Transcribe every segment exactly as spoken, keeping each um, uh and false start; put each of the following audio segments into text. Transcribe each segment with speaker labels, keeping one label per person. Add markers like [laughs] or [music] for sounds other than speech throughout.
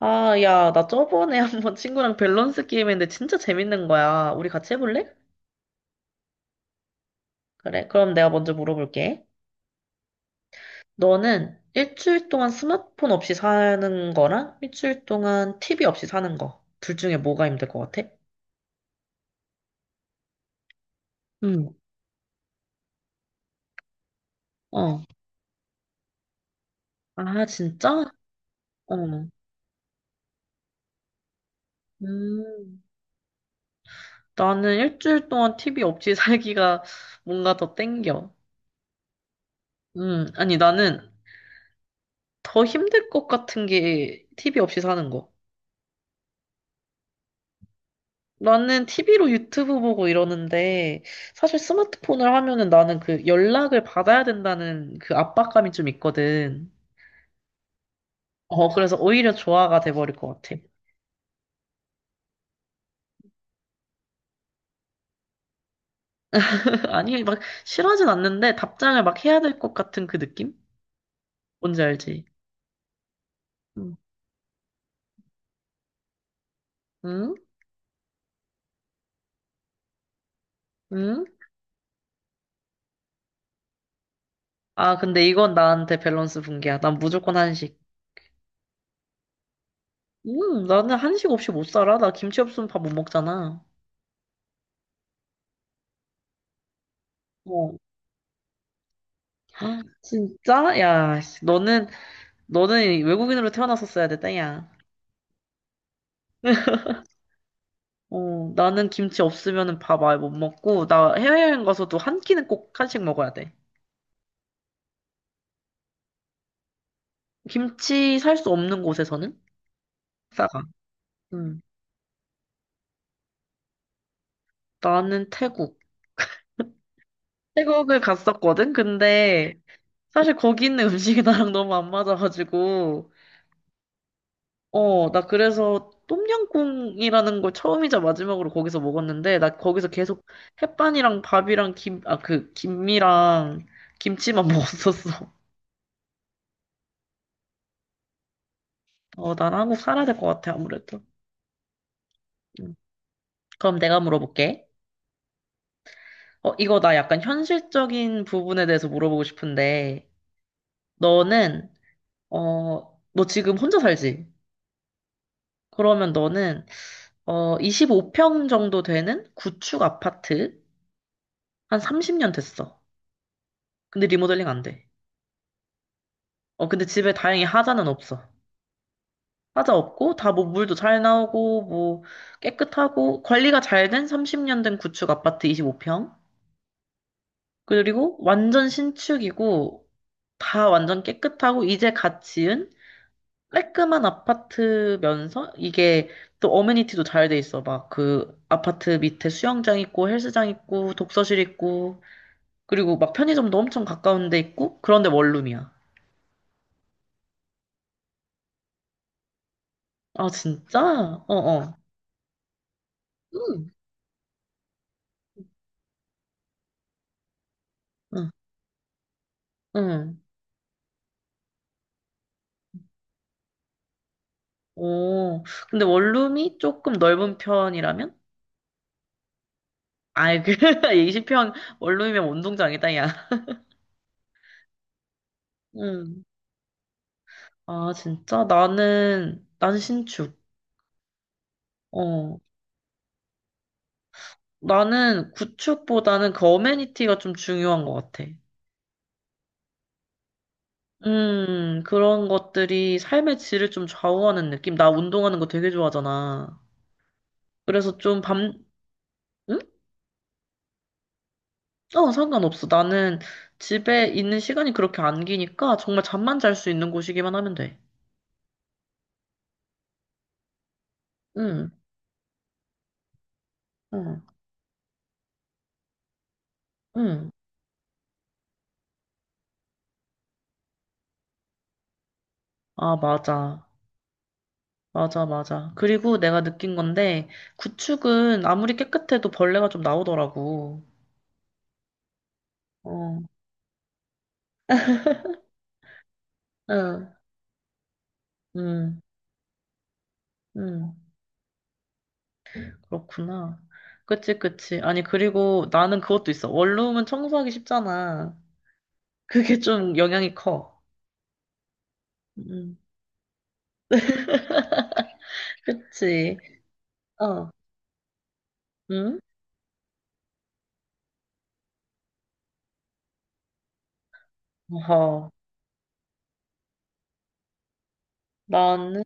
Speaker 1: 아, 야, 나 저번에 [laughs] 한번 친구랑 밸런스 게임 했는데 진짜 재밌는 거야. 우리 같이 해볼래? 그래, 그럼 내가 먼저 물어볼게. 너는 일주일 동안 스마트폰 없이 사는 거랑 일주일 동안 티브이 없이 사는 거. 둘 중에 뭐가 힘들 것 같아? 응. 어. 아, 진짜? 어. 음. 나는 일주일 동안 티브이 없이 [laughs] 살기가 뭔가 더 땡겨. 음. 아니, 나는 더 힘들 것 같은 게 티브이 없이 사는 거. 나는 티브이로 유튜브 보고 이러는데, 사실 스마트폰을 하면은 나는 그 연락을 받아야 된다는 그 압박감이 좀 있거든. 어, 그래서 오히려 조화가 돼버릴 것 같아. [laughs] 아니, 막 싫어하진 않는데 답장을 막 해야 될 것 같은 그 느낌? 뭔지 알지? 응? 응? 응? 아, 근데 이건 나한테 밸런스 붕괴야. 난 무조건 한식. 음, 나는 한식 없이 못 살아. 나 김치 없으면 밥 못 먹잖아. 어. 헉, 진짜? 야, 씨, 너는, 너는 외국인으로 태어났었어야 땡이 야. 어, 나는 김치 없으면 밥 아예 못 먹고, 나 해외여행 가서도 한 끼는 꼭 한식 먹어야 돼. 김치 살 수 없는 곳에서는 싸가. 음, 나는 태국. 태국을 갔었거든? 근데 사실 거기 있는 [laughs] 음식이 나랑 너무 안 맞아가지고, 어, 나 그래서 똠양꿍이라는 걸 처음이자 마지막으로 거기서 먹었는데, 나 거기서 계속 햇반이랑 밥이랑 김, 아, 그, 김이랑 김치만 [laughs] 먹었었어. 어, 난 한국 살아야 될 것 같아, 아무래도. 음. 그럼 내가 물어볼게. 어, 이거 나 약간 현실적인 부분에 대해서 물어보고 싶은데, 너는, 어, 너 지금 혼자 살지? 그러면 너는, 어, 이십오 평 정도 되는 구축 아파트, 한 삼십 년 됐어. 근데 리모델링 안 돼. 어, 근데 집에 다행히 하자는 없어. 하자 없고, 다 뭐 물도 잘 나오고, 뭐 깨끗하고, 관리가 잘 된 삼십 년 된 구축 아파트 이십오 평. 그리고 완전 신축이고, 다 완전 깨끗하고, 이제 갓 지은 깔끔한 아파트면서 이게 또 어메니티도 잘 돼 있어. 막 그 아파트 밑에 수영장 있고 헬스장 있고 독서실 있고 그리고 막 편의점도 엄청 가까운 데 있고 그런데 원룸이야. 아 진짜? 어어. 응 응. 응. 오. 근데 원룸이 조금 넓은 편이라면? 아이 그 [laughs] 이십 평 원룸이면 운동장이다 야. 응. 아 진짜? 나는 난 신축. 어. 나는 구축보다는 그 어메니티가 좀 중요한 것 같아. 음, 그런 것들이 삶의 질을 좀 좌우하는 느낌. 나 운동하는 거 되게 좋아하잖아. 그래서 좀 밤, 응? 어, 상관없어. 나는 집에 있는 시간이 그렇게 안 기니까 정말 잠만 잘 수 있는 곳이기만 하면 돼. 응, 응, 응. 아, 맞아. 맞아, 맞아. 그리고 내가 느낀 건데, 구축은 아무리 깨끗해도 벌레가 좀 나오더라고. 어, 응, 응, 응. 그렇구나. 그치, 그치. 아니, 그리고 나는 그것도 있어. 원룸은 청소하기 쉽잖아. 그게 좀 영향이 커. 음, 그치. 어, 응? 어 나는,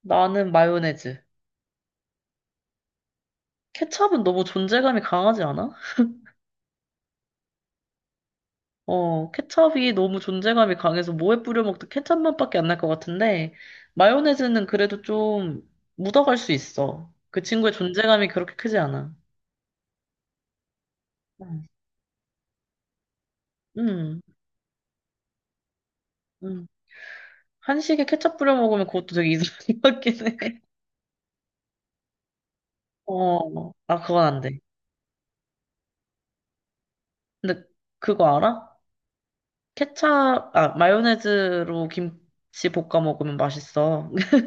Speaker 1: 나는 마요네즈. 케첩은 너무 존재감이 강하지 않아? 어, 케첩이 너무 존재감이 강해서 뭐에 뿌려 먹든 케첩 맛밖에 안 날 것 같은데, 마요네즈는 그래도 좀 묻어갈 수 있어. 그 친구의 존재감이 그렇게 크지 않아. 응, 응. 응. 한식에 케첩 뿌려 먹으면 그것도 되게 이상한 것 같긴 해. [laughs] 어, 아, 그건 안 돼. 근데 그거 알아? 케첩, 아, 마요네즈로 김치 볶아 먹으면 맛있어. [laughs]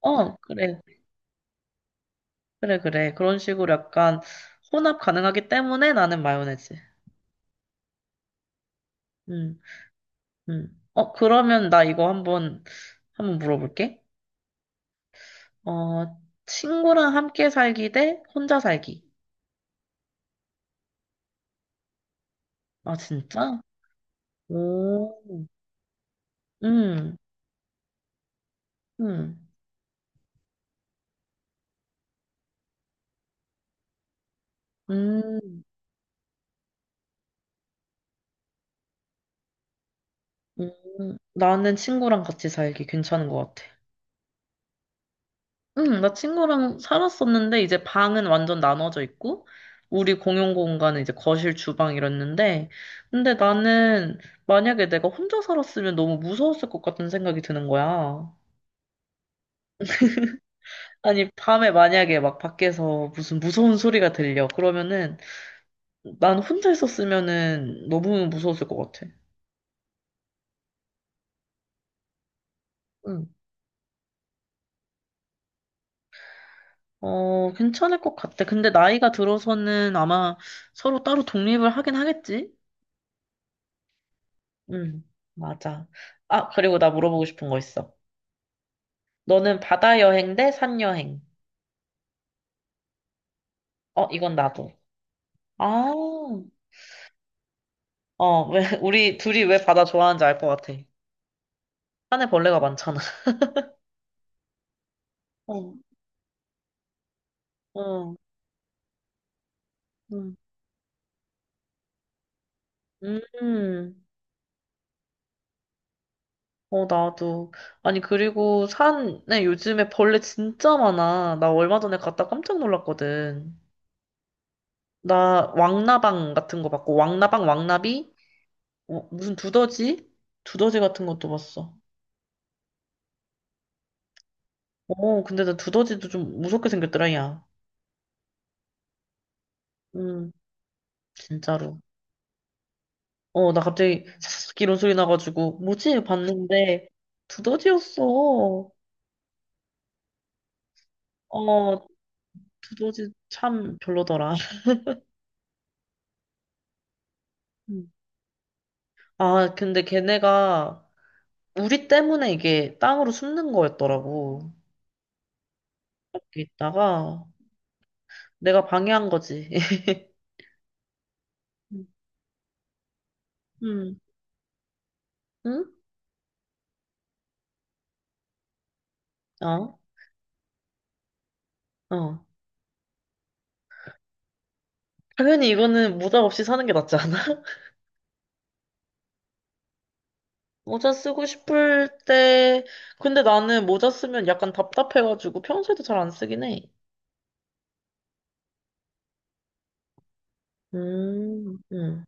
Speaker 1: 어, 그래. 그래, 그래. 그런 식으로 약간 혼합 가능하기 때문에 나는 마요네즈. 음, 음. 어, 그러면 나 이거 한번, 한번 물어볼게. 어, 친구랑 함께 살기 대 혼자 살기. 아, 진짜? 오, 음, 음, 음. 음, 나는 친구랑 같이 살기 괜찮은 것 같아. 응, 나 친구랑 살았었는데, 이제 방은 완전 나눠져 있고, 우리 공용 공간은 이제 거실, 주방 이랬는데, 근데 나는 만약에 내가 혼자 살았으면 너무 무서웠을 것 같은 생각이 드는 거야. 아니, 밤에 만약에 막 밖에서 무슨 무서운 소리가 들려. 그러면은, 난 혼자 있었으면은 너무 무서웠을 것 같아. 어, 괜찮을 것 같아. 근데 나이가 들어서는 아마 서로 따로 독립을 하긴 하겠지? 응, 맞아. 아, 그리고 나 물어보고 싶은 거 있어. 너는 바다 여행 대 산 여행? 어, 이건 나도. 아, 어, 왜, 우리 둘이 왜 바다 좋아하는지 알 것 같아. 산에 벌레가 많잖아. 어, 어, 음, 음, 어, 나도. 아니, 그리고 산에 요즘에 벌레 진짜 많아. 나 얼마 전에 갔다 깜짝 놀랐거든. 나 왕나방 같은 거 봤고, 왕나방, 왕나비? 어, 무슨 두더지? 두더지 같은 것도 봤어. 어, 근데 나 두더지도 좀 무섭게 생겼더라, 야. 음, 진짜로. 어, 나 갑자기 삭삭 이런 소리 나가지고, 뭐지? 봤는데, 두더지였어. 어, 두더지 참 별로더라. 음. 아, 근데 걔네가 우리 때문에 이게 땅으로 숨는 거였더라고. 이렇게 있다가, 내가 방해한 거지. [laughs] 음, 응? 어? 어. 당연히 이거는 모자 없이 사는 게 낫지 않아? [laughs] 모자 쓰고 싶을 때, 근데 나는 모자 쓰면 약간 답답해가지고 평소에도 잘 안 쓰긴 해. 음, 음,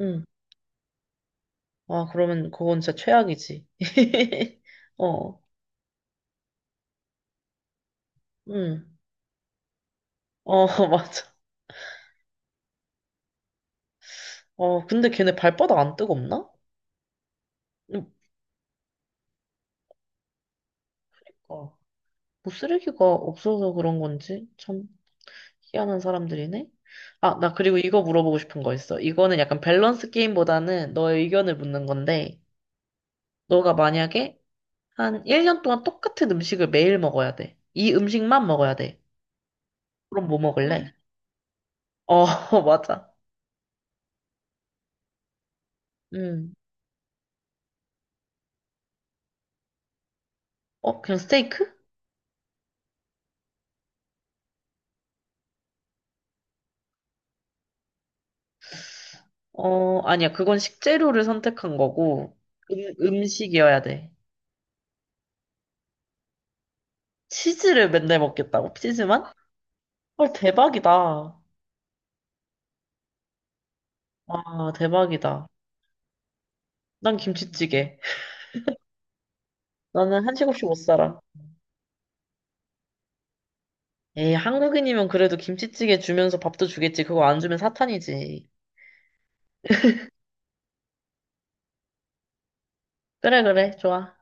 Speaker 1: 음. 아, 그러면 그건 진짜 최악이지. [laughs] 어, 음. 어, [laughs] 맞아. 어, 근데 걔네 발바닥 안 뜨겁나? 음, 어. 뭐 쓰레기가 없어서 그런 건지 참 희한한 사람들이네. 아, 나 그리고 이거 물어보고 싶은 거 있어. 이거는 약간 밸런스 게임보다는 너의 의견을 묻는 건데, 너가 만약에 한 일 년 동안 똑같은 음식을 매일 먹어야 돼. 이 음식만 먹어야 돼. 그럼 뭐 먹을래? 응. 어, [laughs] 맞아. 음. 어, 그냥 스테이크? 어, 아니야. 그건 식재료를 선택한 거고, 음, 음식이어야 돼. 치즈를 맨날 먹겠다고? 치즈만? 헐, 대박이다. 와, 대박이다. 난 김치찌개. 나는 한식 없이 못 살아. 에이, 한국인이면 그래도 김치찌개 주면서 밥도 주겠지. 그거 안 주면 사탄이지. 그래, 그래. 좋아.